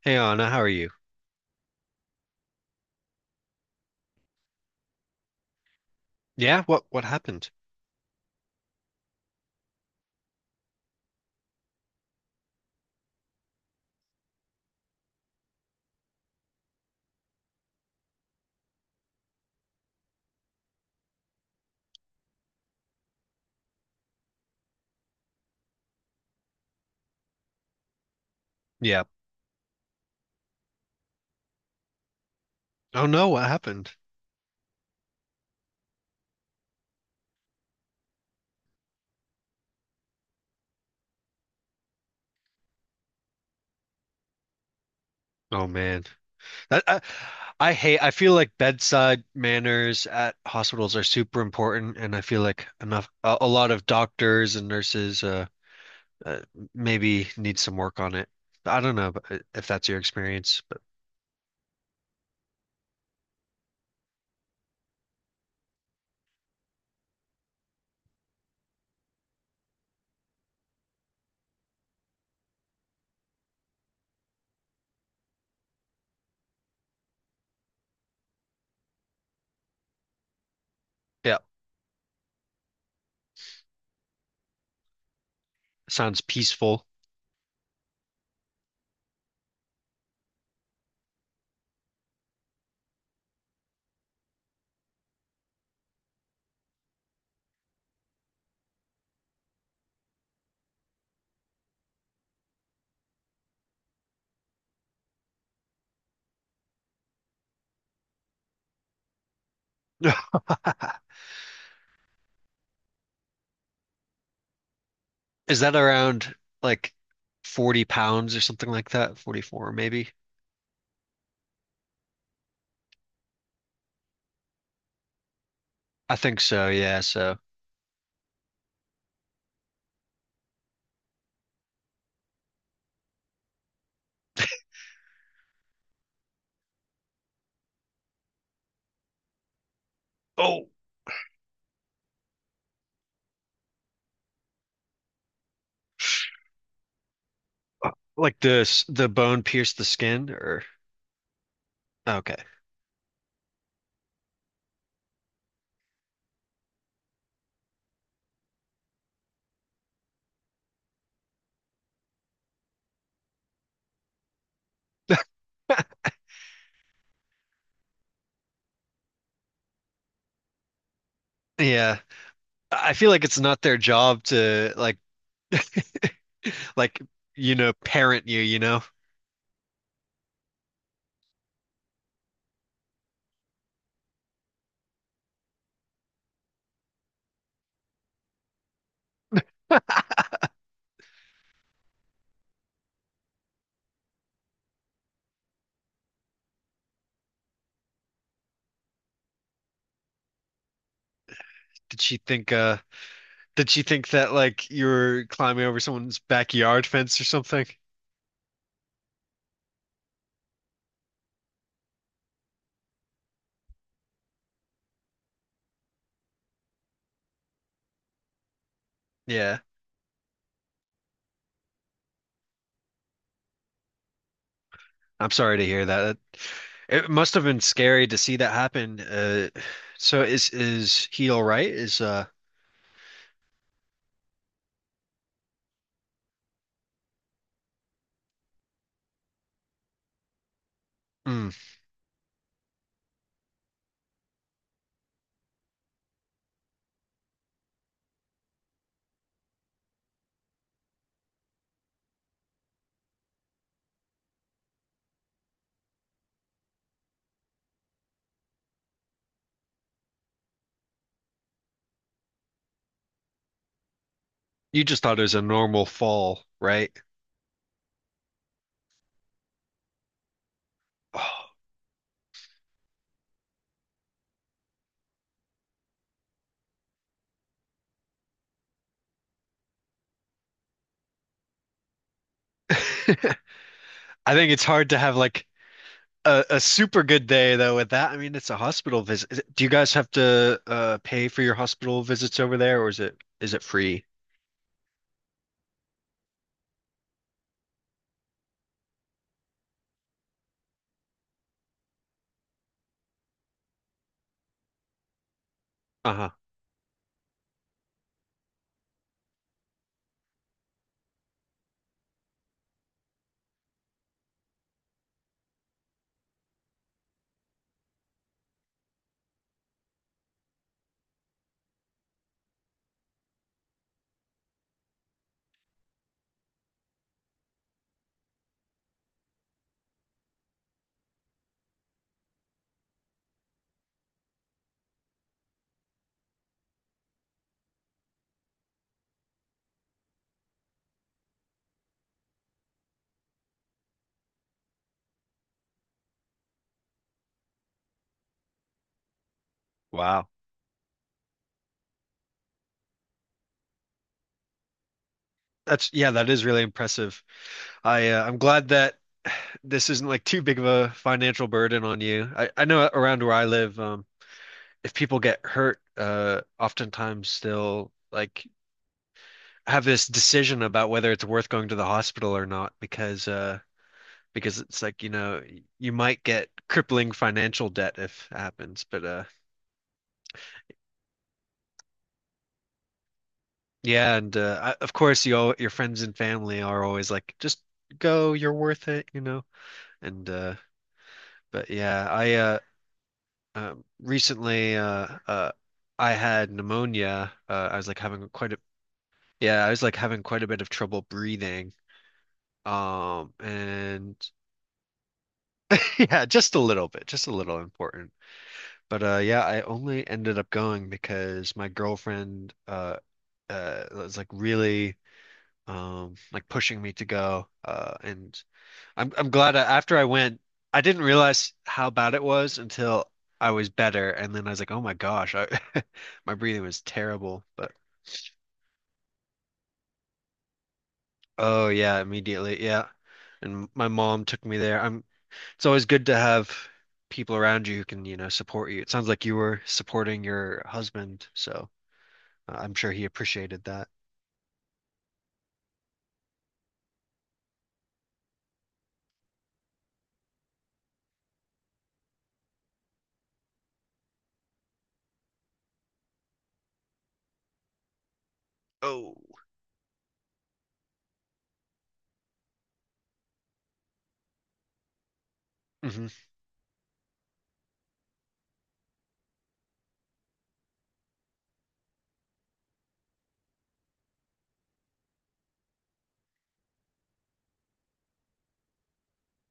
Hey Anna, how are you? Yeah, what happened? Yeah. Oh no, what happened? Oh man. That I, I hate, I feel like bedside manners at hospitals are super important, and I feel like enough a lot of doctors and nurses uh maybe need some work on it. I don't know, but if that's your experience, but yeah, sounds peaceful. Is that around like 40 pounds or something like that? 44 maybe? I think so, yeah, so. Oh, like the bone pierced the skin or okay. Yeah. I feel like it's not their job to like you know, parent you, you know. Did she think uh did she think that like you were climbing over someone's backyard fence or something? Yeah. I'm sorry to hear that. It must have been scary to see that happen. Uh, so is he all right? Is mm, you just thought it was a normal fall, right? Oh. I think it's hard to have like a super good day though with that. I mean, it's a hospital visit. Is it, do you guys have to pay for your hospital visits over there, or is it free? Uh-huh. Wow. That's, yeah, that is really impressive. I I'm glad that this isn't like too big of a financial burden on you. I know around where I live, if people get hurt, oftentimes they'll like have this decision about whether it's worth going to the hospital or not, because because it's like, you know, you might get crippling financial debt if it happens. But yeah, and I, of course, you, all your friends and family are always like, just go, you're worth it, you know. And but yeah, I recently I had pneumonia. I was like having quite a, yeah, I was like having quite a bit of trouble breathing. And yeah, just a little bit, just a little important. But yeah, I only ended up going because my girlfriend it was like really like pushing me to go, and I'm glad I, after I went, I didn't realize how bad it was until I was better, and then I was like, oh my gosh, I, my breathing was terrible. But oh yeah, immediately, yeah. And my mom took me there. I'm, it's always good to have people around you who can, you know, support you. It sounds like you were supporting your husband, so I'm sure he appreciated that. Oh, hmm.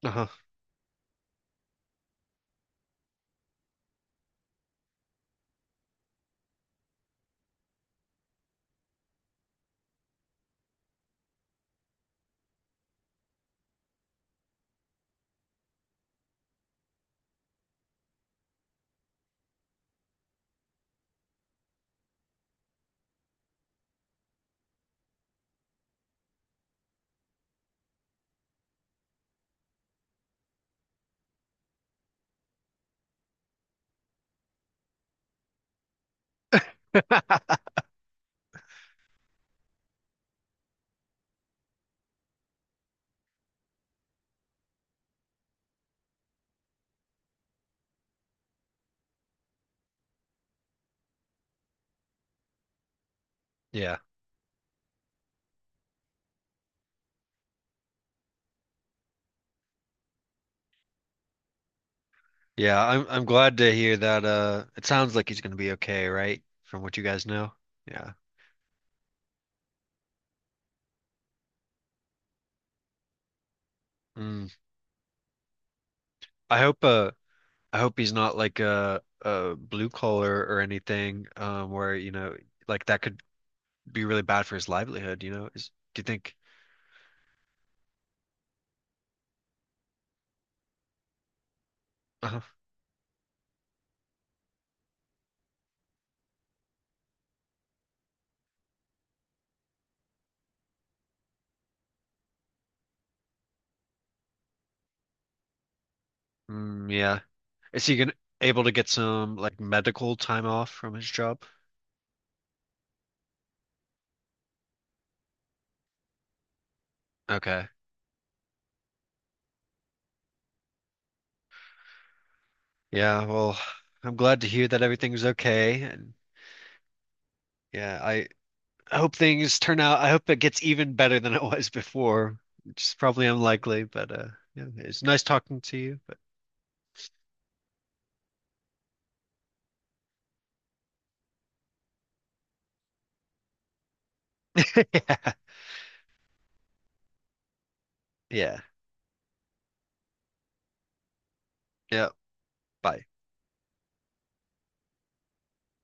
Uh-huh. Yeah. Yeah, I'm glad to hear that. It sounds like he's gonna be okay, right? From what you guys know. Yeah. Mm. I hope. I hope he's not like a blue collar or anything. Where, you know, like that could be really bad for his livelihood. You know, is, do you think? Uh, mm, yeah. Is he gonna able to get some like medical time off from his job? Okay. Yeah. Well, I'm glad to hear that everything's okay. And yeah, I hope things turn out. I hope it gets even better than it was before, which is probably unlikely, but yeah, it's nice talking to you. But yeah, yeah, yeah. Bye.